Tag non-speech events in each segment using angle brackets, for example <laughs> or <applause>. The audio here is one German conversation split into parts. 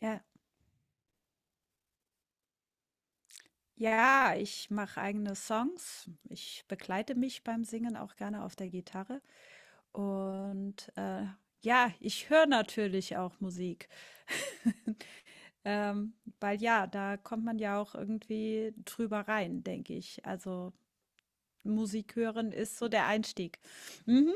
Ja, ja, ich mache eigene Songs. Ich begleite mich beim Singen auch gerne auf der Gitarre. Und ja, ich höre natürlich auch Musik. <laughs> Ähm, Weil ja, da kommt man ja auch irgendwie drüber rein, denke ich. Also Musik hören ist so der Einstieg. Mhm.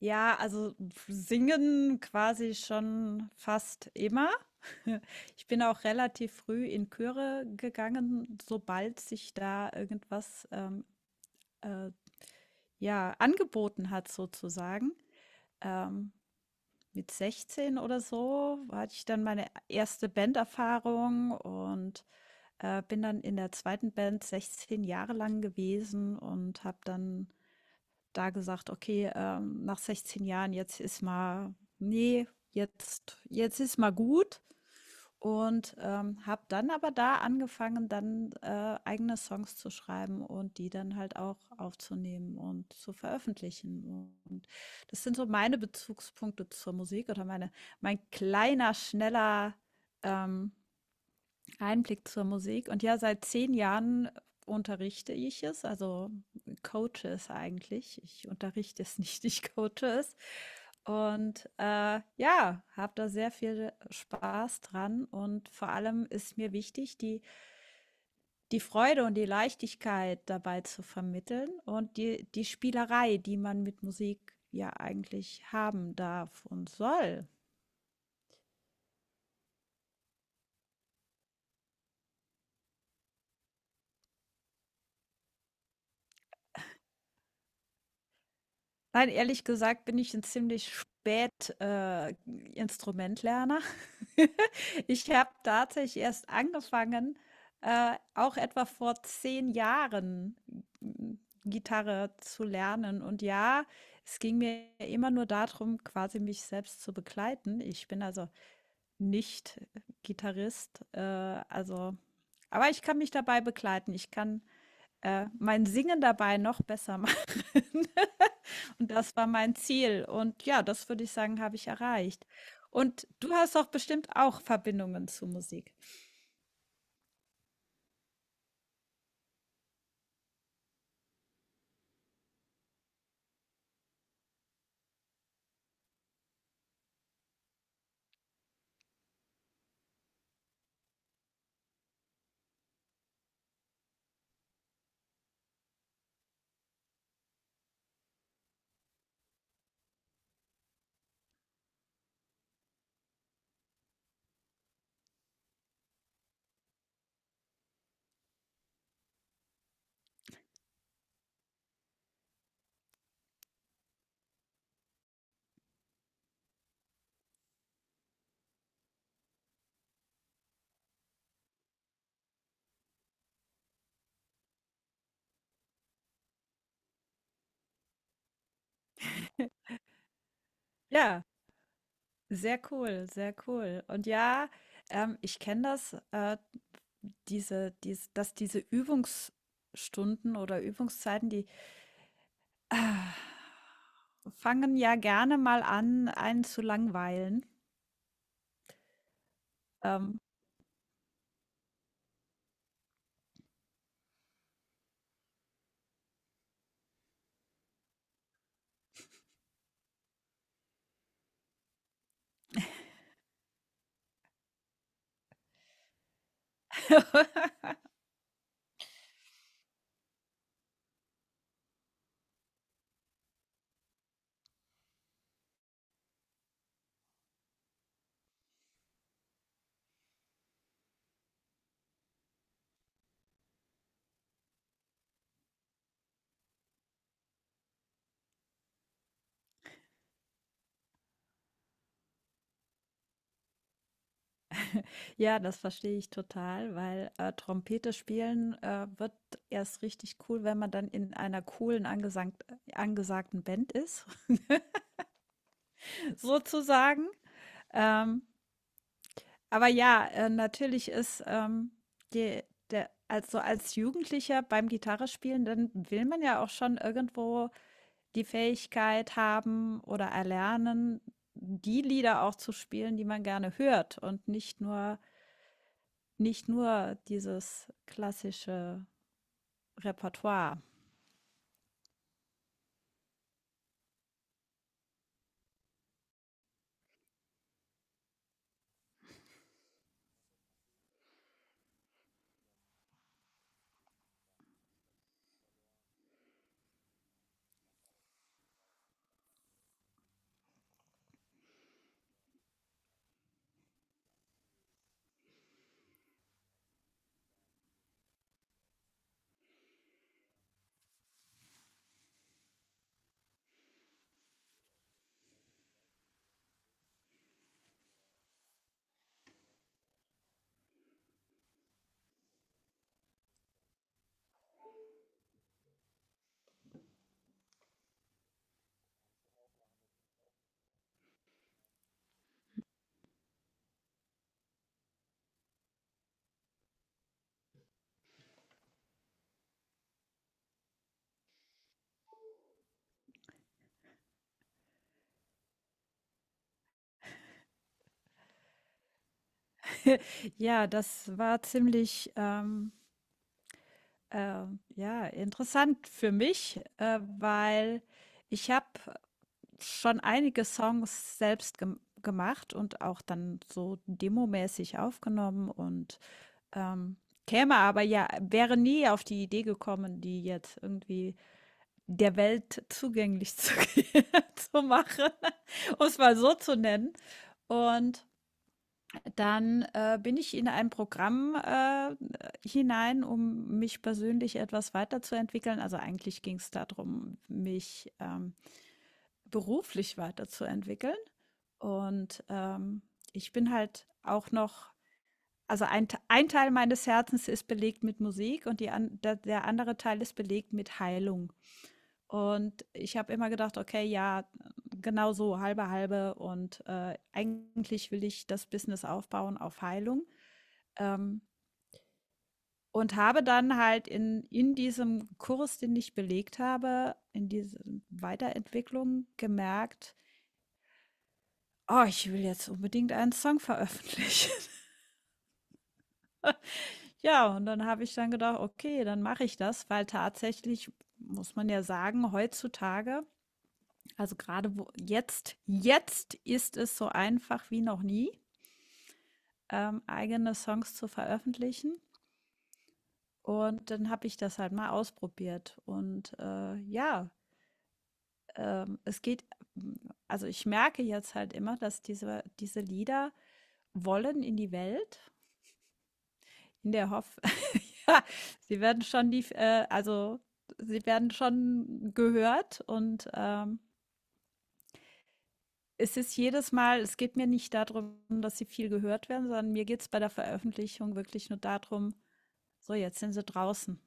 Ja, also singen quasi schon fast immer. <laughs> Ich bin auch relativ früh in Chöre gegangen, sobald sich da irgendwas äh, ja, angeboten hat, sozusagen. Ähm, mit 16 oder so hatte ich dann meine erste Banderfahrung und bin dann in der zweiten Band 16 Jahre lang gewesen und habe dann da gesagt, okay, nach 16 Jahren, jetzt ist mal, nee, jetzt ist mal gut. Und habe dann aber da angefangen, dann eigene Songs zu schreiben und die dann halt auch aufzunehmen und zu veröffentlichen. Und das sind so meine Bezugspunkte zur Musik oder mein kleiner, schneller ähm, Einblick zur Musik. Und ja, seit 10 Jahren unterrichte ich es, also coache es eigentlich. Ich unterrichte es <laughs> nicht, ich coache es. Ja, habe da sehr viel Spaß dran und vor allem ist mir wichtig, die Freude und die Leichtigkeit dabei zu vermitteln und die Spielerei, die man mit Musik ja eigentlich haben darf und soll. Nein, ehrlich gesagt bin ich ein ziemlich spät Instrumentlerner. <laughs> Ich habe tatsächlich erst angefangen, auch etwa vor 10 Jahren mm, Gitarre zu lernen. Und ja, es ging mir immer nur darum, quasi mich selbst zu begleiten. Ich bin also nicht Gitarrist, also aber ich kann mich dabei begleiten. Ich kann, mein Singen dabei noch besser machen. <laughs> Und das war mein Ziel und ja, das würde ich sagen, habe ich erreicht. Und du hast doch bestimmt auch Verbindungen zu Musik. <laughs> Ja, sehr cool, sehr cool. Und ja, ich kenne das, dass diese Übungsstunden oder Übungszeiten, ah, fangen ja gerne mal an, einen zu langweilen. Ähm, <laughs> Ja, das verstehe ich total, weil, Trompete spielen, wird erst richtig cool, wenn man dann in einer coolen angesangt angesagten Band ist, <laughs> sozusagen. Ähm, aber ja, natürlich ist, die der also als Jugendlicher beim Gitarrespielen, dann will man ja auch schon irgendwo die Fähigkeit haben oder erlernen, die Lieder auch zu spielen, die man gerne hört und nicht nur dieses klassische Repertoire. <laughs> Ja, das war ziemlich, äh, ja, interessant für mich, weil ich habe schon einige Songs selbst gemacht und auch dann so demomäßig aufgenommen und ähm, käme aber ja, wäre nie auf die Idee gekommen, die jetzt irgendwie der Welt zugänglich zu, <laughs> zu machen, um es mal so zu nennen. Und Dann bin ich in ein Programm, hinein, um mich persönlich etwas weiterzuentwickeln. Also eigentlich ging es darum, mich beruflich weiterzuentwickeln. Und ich bin halt auch noch also ein Teil meines Herzens ist belegt mit Musik und die an der der andere Teil ist belegt mit Heilung. Und ich habe immer gedacht: „Okay, ja, genau so, halbe halbe und eigentlich will ich das Business aufbauen auf Heilung.“ ähm, und habe dann halt in diesem Kurs, den ich belegt habe, in diesem Weiterentwicklung gemerkt: „Oh, ich will jetzt unbedingt einen Song veröffentlichen.“ <laughs> Ja, und dann habe ich dann gedacht: „Okay, dann mache ich das“, weil tatsächlich muss man ja sagen, heutzutage also gerade wo jetzt ist es so einfach wie noch nie, eigene Songs zu veröffentlichen. Und dann habe ich das halt mal ausprobiert und ja, es geht, also ich merke jetzt halt immer, dass diese Lieder wollen in die Welt, in der Hoffnung, <laughs> ja, sie werden schon also sie werden schon gehört und es ist jedes Mal, es geht mir nicht darum, dass sie viel gehört werden, sondern mir geht es bei der Veröffentlichung wirklich nur darum, so jetzt sind sie draußen.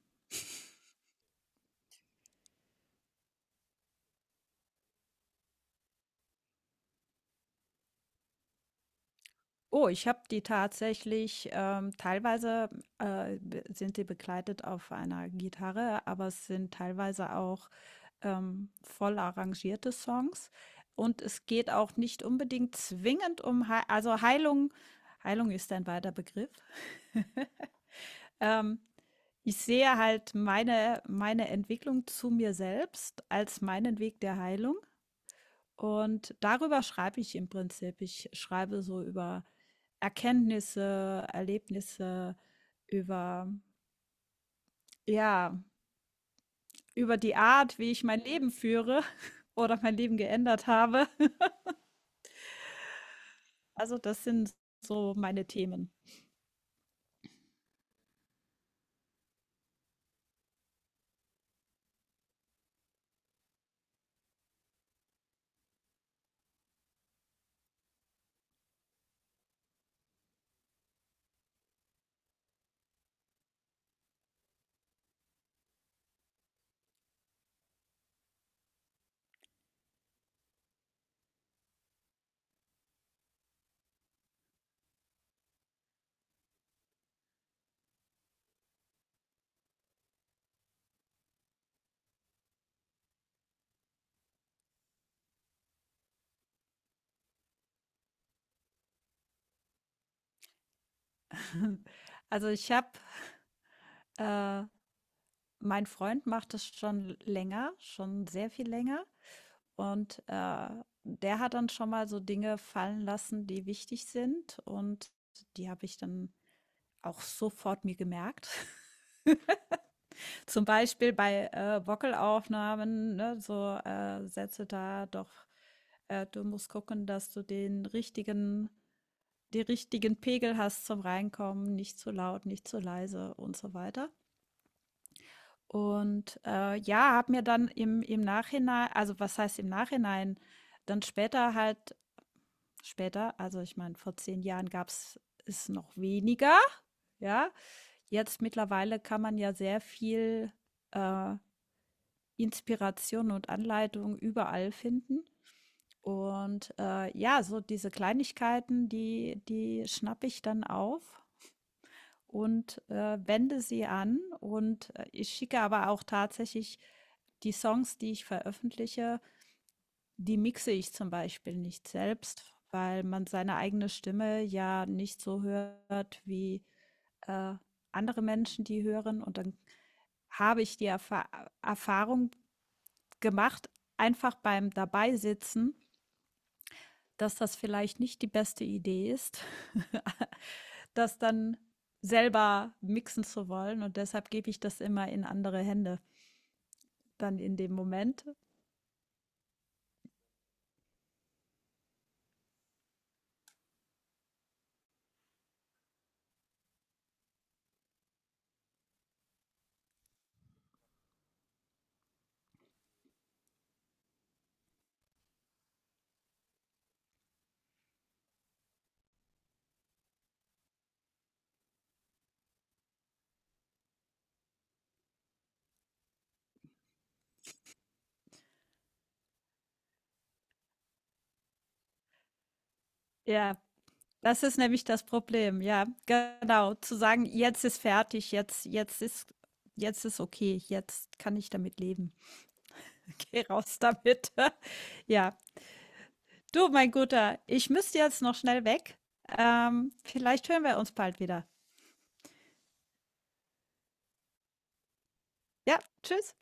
Oh, ich habe die tatsächlich, teilweise, be sind die begleitet auf einer Gitarre, aber es sind teilweise auch, voll arrangierte Songs. Und es geht auch nicht unbedingt zwingend um Hei also Heilung Heilung ist ein weiter Begriff. <laughs> Ähm, Ich sehe halt meine Entwicklung zu mir selbst als meinen Weg der Heilung und darüber schreibe ich im Prinzip. Ich schreibe so über Erkenntnisse, Erlebnisse über ja, über die Art, wie ich mein Leben führe <laughs> oder mein Leben geändert habe. <laughs> Also, das sind so meine Themen. <laughs> Also, ich habe äh, mein Freund macht das schon länger, schon sehr viel länger. Und der hat dann schon mal so Dinge fallen lassen, die wichtig sind. Und die habe ich dann auch sofort mir gemerkt. Zum Beispiel bei Wackelaufnahmen, ne, so, Sätze da doch, du musst gucken, dass du den richtigen Pegel hast zum Reinkommen, nicht zu laut, nicht zu leise und so weiter. Und ja, habe mir dann im Nachhinein also, was heißt im Nachhinein, dann später halt später, also ich meine, vor 10 Jahren gab's es noch weniger, ja? Jetzt mittlerweile kann man ja sehr viel, äh, Inspiration und Anleitung überall finden. Und ja, so diese Kleinigkeiten, die schnappe ich dann auf und wende sie an. Und ich schicke aber auch tatsächlich die Songs, die ich veröffentliche, die mixe ich zum Beispiel nicht selbst, weil man seine eigene Stimme ja nicht so hört wie, äh, andere Menschen die hören. Und dann habe ich die Erfa Erfahrung gemacht, einfach beim Dabeisitzen, dass das vielleicht nicht die beste Idee ist, <laughs> das dann selber mixen zu wollen. Und deshalb gebe ich das immer in andere Hände dann in dem Moment. Ja, das ist nämlich das Problem. Ja, genau. Zu sagen, jetzt ist fertig, jetzt ist. Jetzt ist okay, jetzt kann ich damit leben. <laughs> Geh raus damit. <laughs> Ja, du, mein Guter, ich müsste jetzt noch schnell weg. Vielleicht hören wir uns bald wieder. Ja, tschüss.